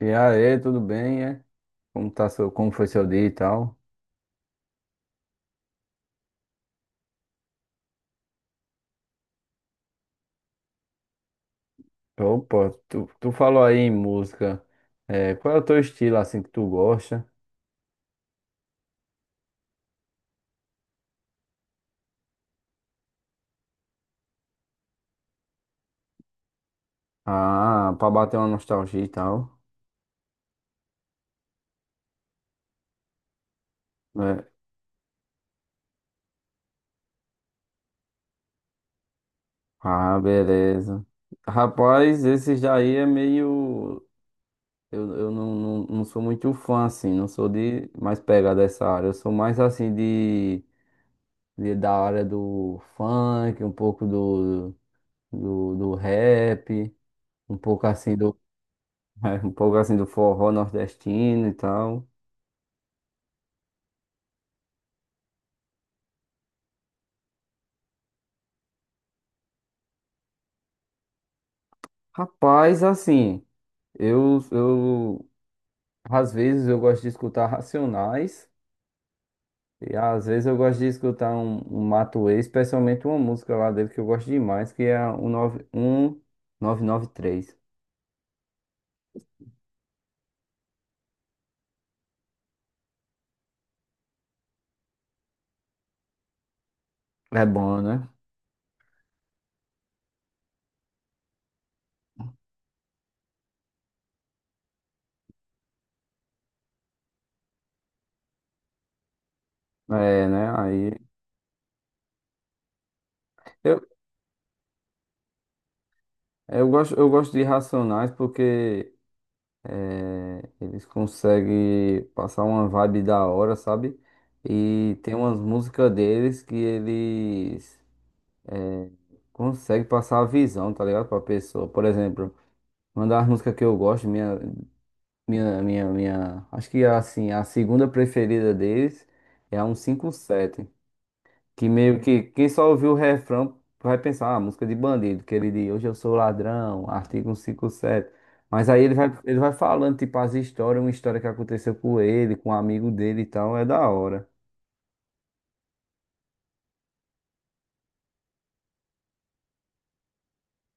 E aí, tudo bem, é? Como foi seu dia e tal? Opa, tu falou aí em música. É, qual é o teu estilo assim que tu gosta? Ah, pra bater uma nostalgia e tal, né? Ah, beleza. Rapaz, esses daí é meio. Eu não sou muito fã, assim, não sou de mais pegada dessa área. Eu sou mais assim de da área do funk, um pouco do rap, um pouco assim um pouco assim do forró nordestino e tal. Rapaz, assim, eu às vezes eu gosto de escutar Racionais e às vezes eu gosto de escutar um Matuê, especialmente uma música lá dele que eu gosto demais, que é a 1993. É bom, né? É, né? Aí eu, eu gosto de Racionais porque eles conseguem passar uma vibe da hora, sabe? E tem umas músicas deles que eles, é, conseguem passar a visão, tá ligado? Pra pessoa. Por exemplo, uma das músicas que eu gosto, acho que assim, a segunda preferida deles é a 157. Que meio que quem só ouviu o refrão vai pensar, ah, música de bandido, que ele diz, hoje eu sou ladrão, artigo 157. Mas aí ele vai falando, tipo, as histórias, uma história que aconteceu com ele, com um amigo dele e tal, é da hora.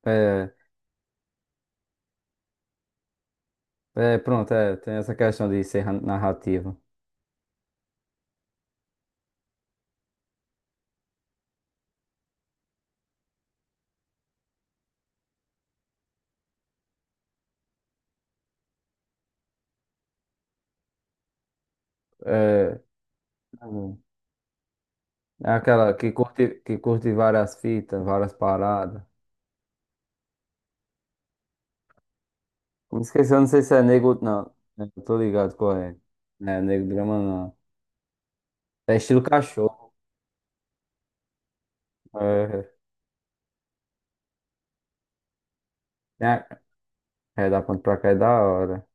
É, é pronto, é, tem essa questão de ser narrativa. É, é aquela que curte várias fitas, várias paradas. Me esqueci, eu não sei se é nego, não. Eu tô ligado qual é. É, nego drama não. É estilo cachorro. É. É. É, da ponte pra cá é da hora.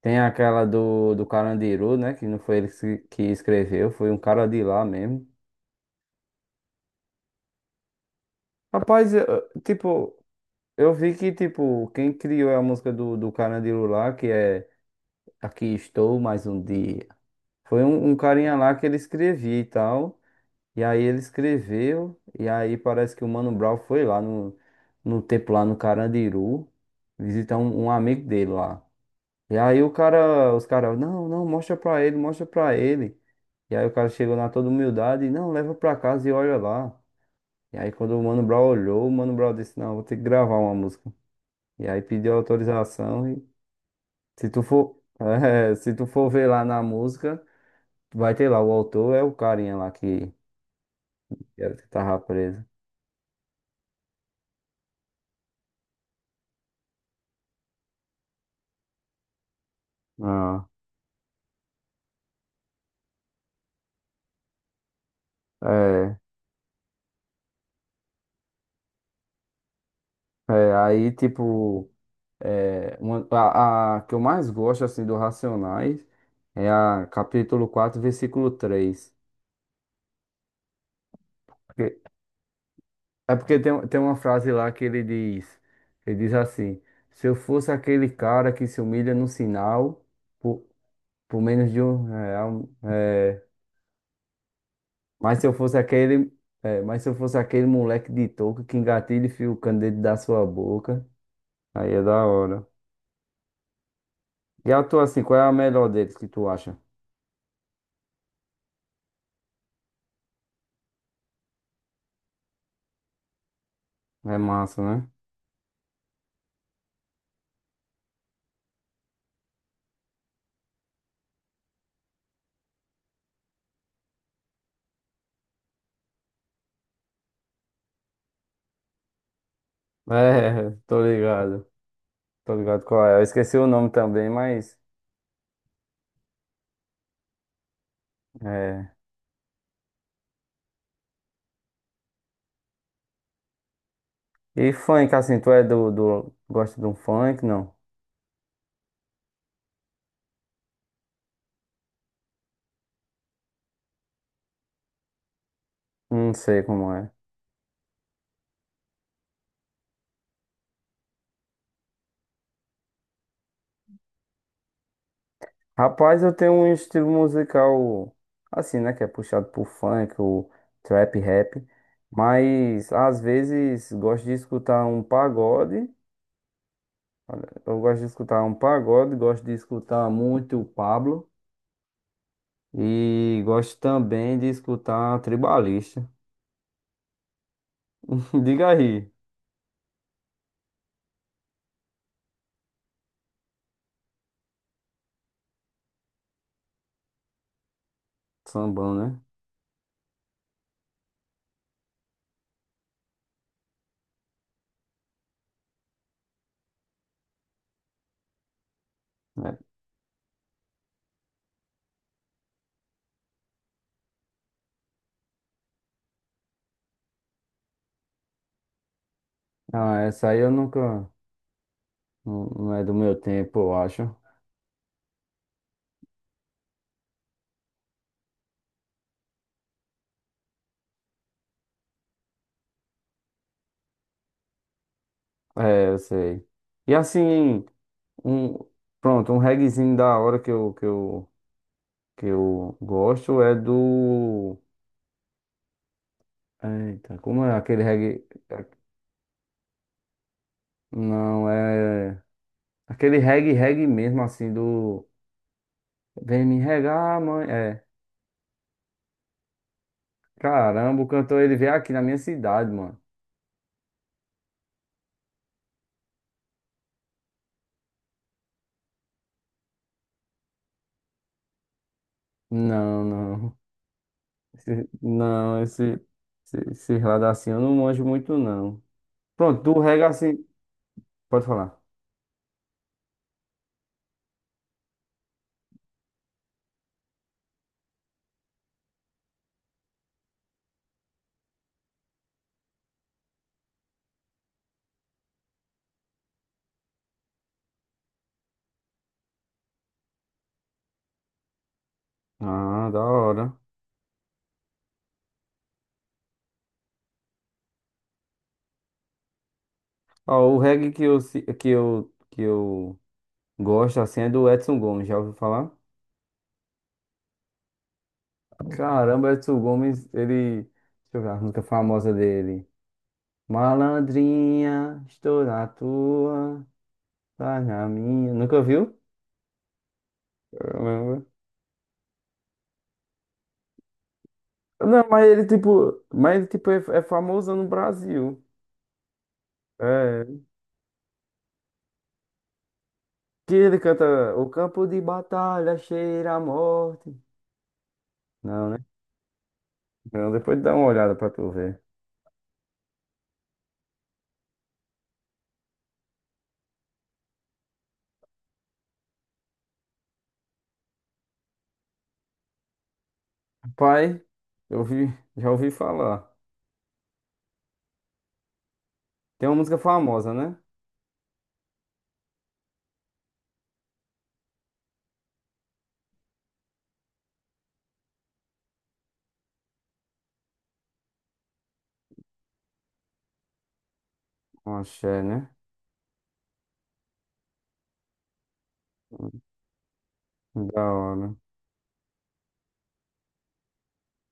Tem aquela do Carandiru, né? Que não foi ele que escreveu, foi um cara de lá mesmo. Rapaz, tipo, eu vi que, tipo, quem criou a música do Carandiru lá, que é Aqui Estou Mais Um Dia, foi um carinha lá que ele escrevia e tal. E aí ele escreveu, e aí parece que o Mano Brown foi lá no tempo lá no Carandiru, visitar um amigo dele lá. E aí o cara, os caras, não, não, mostra pra ele, mostra pra ele. E aí o cara chegou na toda humildade, não, leva pra casa e olha lá. E aí quando o Mano Brown olhou, o Mano Brown disse, não, vou ter que gravar uma música. E aí pediu autorização e se tu for, se tu for ver lá na música, vai ter lá, o autor é o carinha lá que tava preso. Ah, é, é, aí tipo. É, a que eu mais gosto assim do Racionais é a Capítulo 4, Versículo 3. Porque- É porque tem uma frase lá que ele diz, assim, se eu fosse aquele cara que se humilha no sinal por, por menos de um real, é, mas se eu fosse aquele, mas se eu fosse aquele moleque de touca que engatilha e fia o candeeiro da sua boca, aí é da hora. E a tua assim, qual é a melhor deles que tu acha? É massa, né? É, tô ligado. Tô ligado qual é. Eu esqueci o nome também, mas. É... E funk, assim, tu é do. Gosta de um funk? Não. Não sei como é. Rapaz, eu tenho um estilo musical assim, né? Que é puxado por funk, o trap rap. Mas às vezes gosto de escutar um pagode. Eu gosto de escutar um pagode, gosto de escutar muito o Pablo. E gosto também de escutar tribalista. Diga aí. Sambão, né? É. Ah, essa aí eu nunca. Não é do meu tempo, eu acho. É, eu sei. E assim, um, pronto, um reggaezinho da hora que eu gosto é do. Eita, como é aquele reggae? Não, é. Aquele reggae, reggae mesmo, assim, do. Vem me regar, mãe. É. Caramba, o cantor ele veio aqui na minha cidade, mano. Não, não. Não, esse. Esse, esse lado assim eu não manjo muito, não. Pronto, do reggae assim. Pode falar. Ah, da hora. Ó, o reggae que eu, se- que eu gosto assim é do Edson Gomes, já ouviu falar? Caramba, Edson Gomes, ele. Deixa eu ver a música famosa dele. Malandrinha, estou na tua, tá na minha. Nunca viu? Caramba. Não, mas ele tipo é famoso no Brasil. É, que ele canta O campo de batalha cheira a morte. Não, né? Não, depois dá uma olhada pra tu ver. Pai, eu vi, já ouvi falar. Tem uma música famosa, né? Um axé, né? Hum, da hora.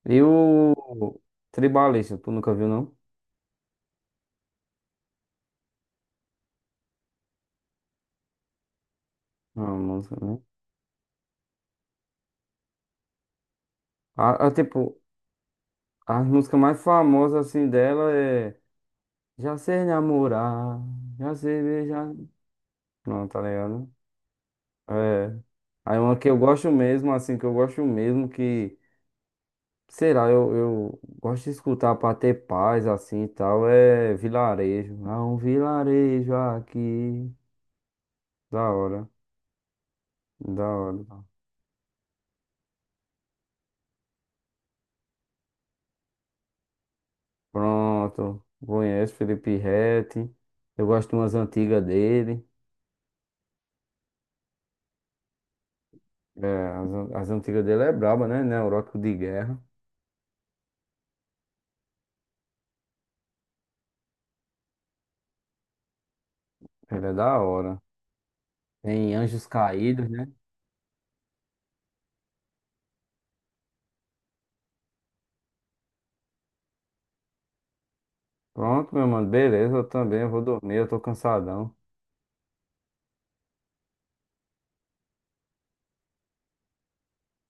E o Tribalista, tu nunca viu, não? Não, a música, né? Tipo, a música mais famosa, assim, dela é... Já sei namorar, já sei beijar... Não, tá ligado? É. Aí uma que eu gosto mesmo, assim, que eu gosto mesmo, que... Sei lá, eu gosto de escutar pra ter paz assim e tal. É vilarejo. Há um vilarejo aqui. Da hora, da hora. Pronto. Conheço Felipe Ret. Eu gosto de umas antigas dele. É, as antigas dele é braba, né? Neurótico de guerra. Ele é da hora. Tem Anjos Caídos, né? Pronto, meu mano. Beleza, eu também vou dormir. Eu tô cansadão.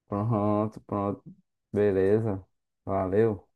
Pronto, pronto. Beleza. Valeu.